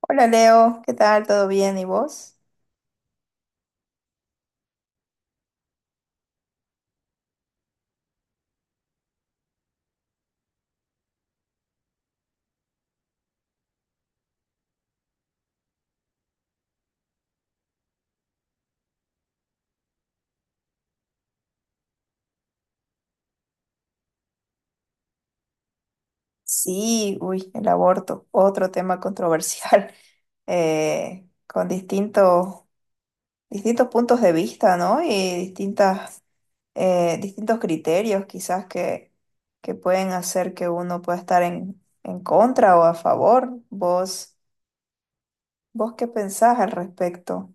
Hola Leo, ¿qué tal? ¿Todo bien? ¿Y vos? Sí, uy, el aborto, otro tema controversial, con distintos puntos de vista, ¿no? Y distintas, distintos criterios quizás que pueden hacer que uno pueda estar en contra o a favor. ¿Vos qué pensás al respecto?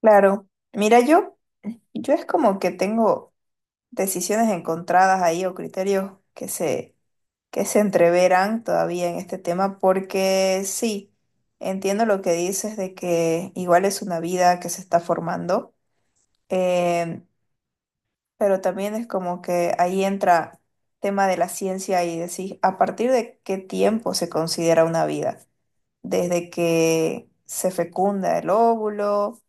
Claro, mira, yo es como que tengo decisiones encontradas ahí o criterios que se entreveran todavía en este tema, porque sí, entiendo lo que dices de que igual es una vida que se está formando, eh, pero también es como que ahí entra tema de la ciencia y decir, ¿a partir de qué tiempo se considera una vida? Desde que se fecunda el óvulo,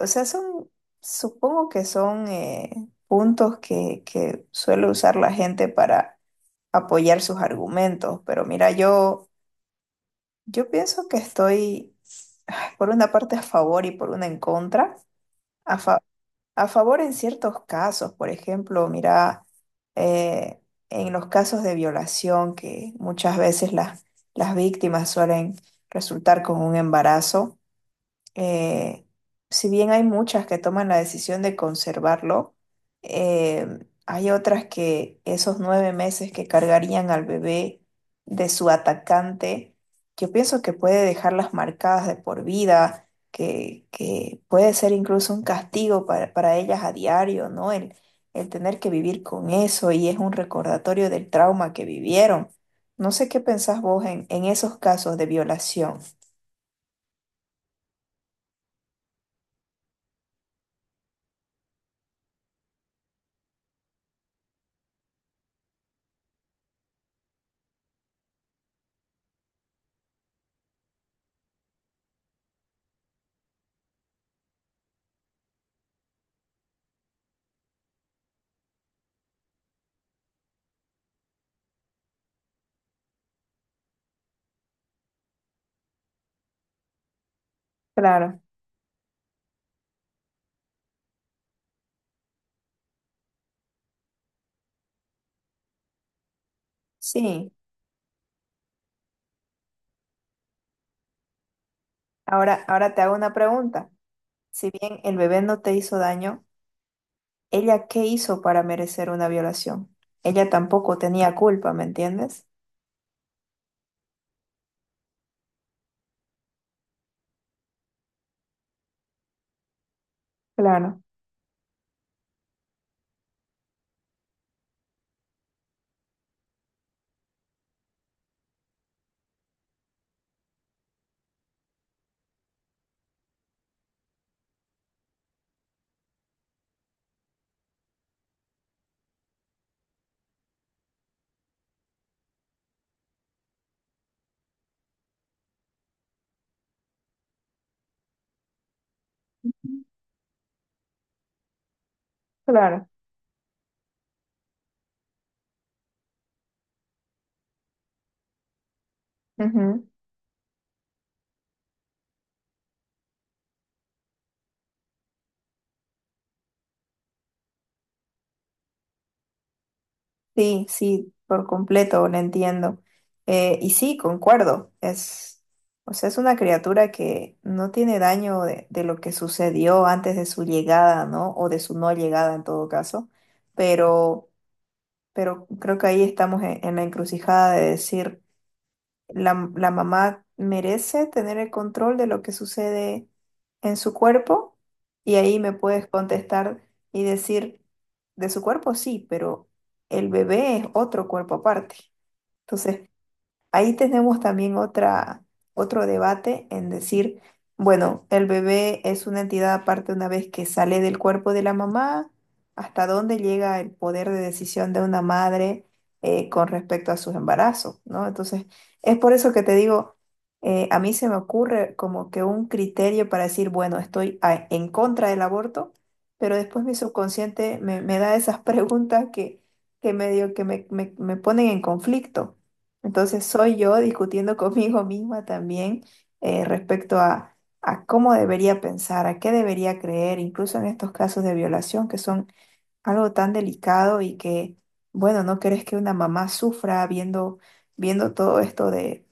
o sea, supongo que son puntos que suele usar la gente para apoyar sus argumentos, pero mira, yo pienso que estoy por una parte a favor y por una en contra. A, fa- a favor en ciertos casos, por ejemplo, mira, eh, en los casos de violación que muchas veces las víctimas suelen resultar con un embarazo, eh, si bien hay muchas que toman la decisión de conservarlo. eh, Hay otras que esos 9 meses que cargarían al bebé de su atacante, yo pienso que puede dejarlas marcadas de por vida, que puede ser incluso un castigo para ellas a diario, ¿no? El tener que vivir con eso y es un recordatorio del trauma que vivieron. No sé qué pensás vos en esos casos de violación. Claro, sí. Ahora te hago una pregunta. Si bien el bebé no te hizo daño, ¿ella qué hizo para merecer una violación? Ella tampoco tenía culpa, ¿me entiendes? Claro, claro. Ujú. Sí, sí, por completo, lo entiendo. Y sí, concuerdo. O sea, es una criatura que no tiene daño de lo que sucedió antes de su llegada, ¿no? O de su no llegada en todo caso. Pero, pero creo que ahí estamos en la encrucijada de decir, la mamá merece tener el control de lo que sucede en su cuerpo, y ahí me puedes contestar y decir, de su cuerpo sí, pero el bebé es otro cuerpo aparte. Entonces, ahí tenemos también otro debate en decir, bueno, el bebé es una entidad aparte una vez que sale del cuerpo de la mamá. ¿Hasta dónde llega el poder de decisión de una madre con respecto a sus embarazos, ¿no? Entonces, es por eso que te digo, a mí se me ocurre como que un criterio para decir, bueno, estoy en contra del aborto, pero después mi subconsciente me da esas preguntas que medio que me ponen en conflicto. Entonces soy yo discutiendo conmigo misma también, respecto a cómo debería pensar, a qué debería creer, incluso en estos casos de violación que son algo tan delicado y que, bueno, no querés que una mamá sufra viendo todo esto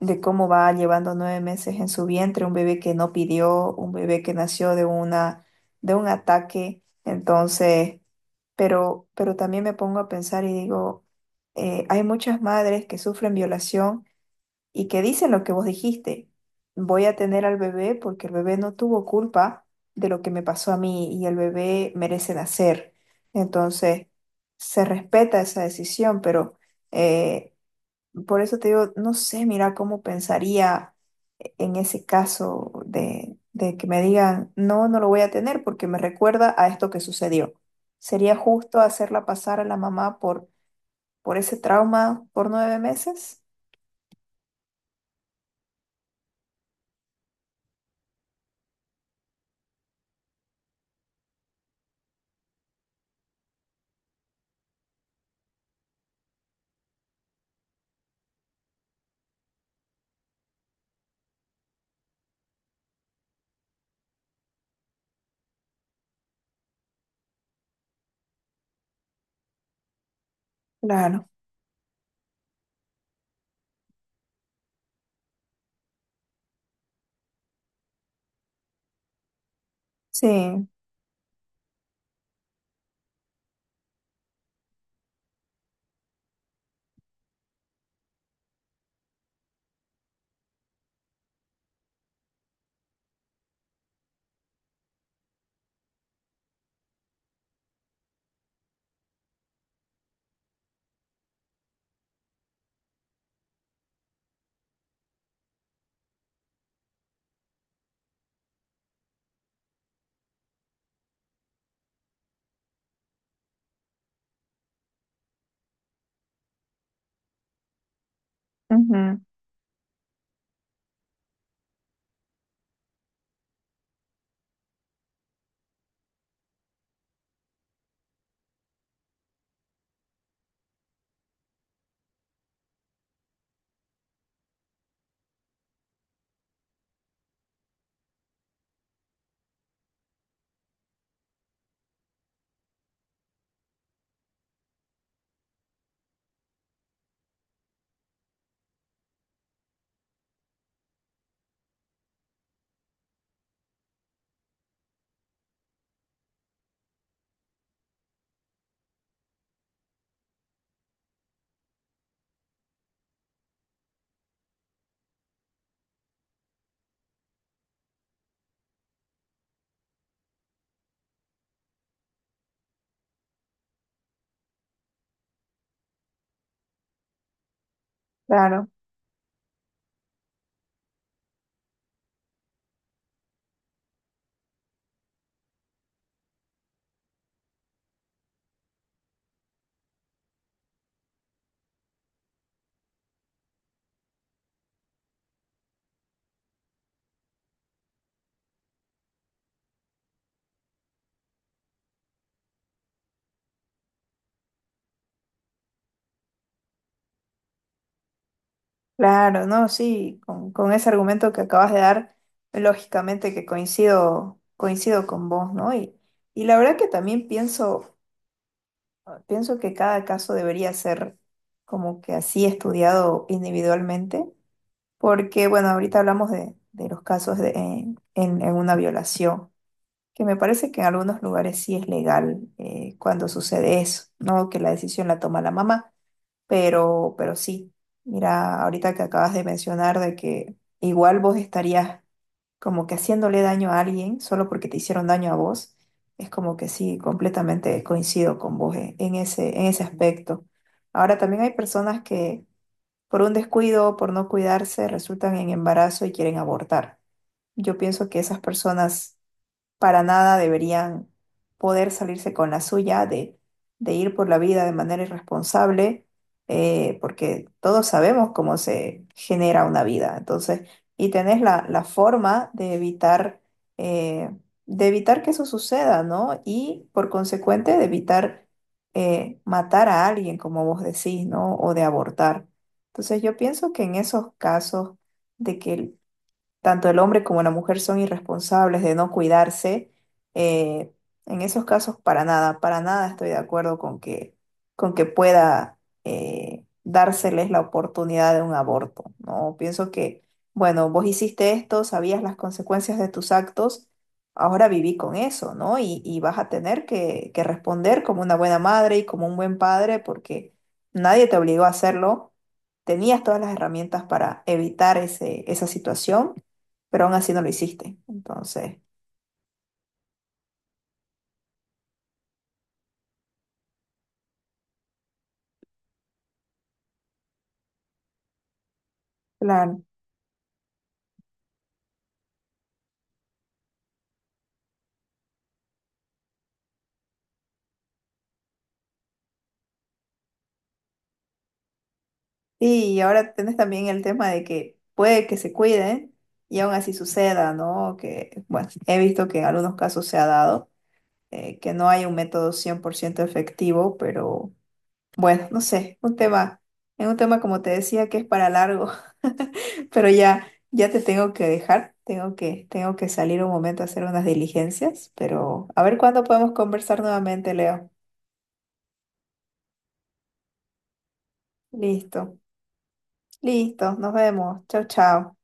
de cómo va llevando 9 meses en su vientre, un bebé que no pidió, un bebé que nació de de un ataque. Entonces, pero también me pongo a pensar y digo, hay muchas madres que sufren violación y que dicen lo que vos dijiste, voy a tener al bebé porque el bebé no tuvo culpa de lo que me pasó a mí y el bebé merece nacer. Entonces, se respeta esa decisión, pero eh, por eso te digo, no sé, mira cómo pensaría en ese caso de que me digan, no, no lo voy a tener porque me recuerda a esto que sucedió. ¿Sería justo hacerla pasar a la mamá por ese trauma por 9 meses? Claro, sí, ujú, claro, claro, no, sí, con ese argumento que acabas de dar, lógicamente que coincido, coincido con vos, ¿no? Y la verdad que también pienso, pienso que cada caso debería ser como que así estudiado individualmente. Porque, bueno, ahorita hablamos de los casos de, en una violación, que me parece que en algunos lugares sí es legal cuando sucede eso, ¿no? Que la decisión la toma la mamá. Pero sí, mira, ahorita que acabas de mencionar de que igual vos estarías como que haciéndole daño a alguien solo porque te hicieron daño a vos, es como que sí, completamente coincido con vos, en ese aspecto. Ahora, también hay personas que por un descuido, por no cuidarse, resultan en embarazo y quieren abortar. Yo pienso que esas personas para nada, deberían poder salirse con la suya de ir por la vida de manera irresponsable, porque todos sabemos cómo se genera una vida. Entonces, y tenés la forma eh, de evitar que eso suceda, ¿no? Y por consecuente, de evitar matar a alguien, como vos decís, ¿no? O de abortar. Entonces, yo pienso que en esos casos de que tanto el hombre como la mujer son irresponsables de no cuidarse, eh, en esos casos para nada estoy de acuerdo con que pueda dárseles la oportunidad de un aborto, ¿no? Pienso que, bueno, vos hiciste esto, sabías las consecuencias de tus actos, ahora viví con eso, ¿no? Y vas a tener que responder como una buena madre y como un buen padre porque nadie te obligó a hacerlo. Tenías todas las herramientas para evitar esa situación, pero aún así no lo hiciste. Entonces, claro. Y ahora tienes también el tema de que puede que se cuiden y aún así suceda, ¿no? Que, bueno, he visto que en algunos casos se ha dado, que no hay un método 100% efectivo. Pero bueno, no sé, un tema, es un tema como te decía que es para largo, pero ya, ya te tengo que dejar, tengo que salir un momento a hacer unas diligencias, pero a ver cuándo podemos conversar nuevamente, Leo. Listo. Listo, nos vemos. Chau, chau.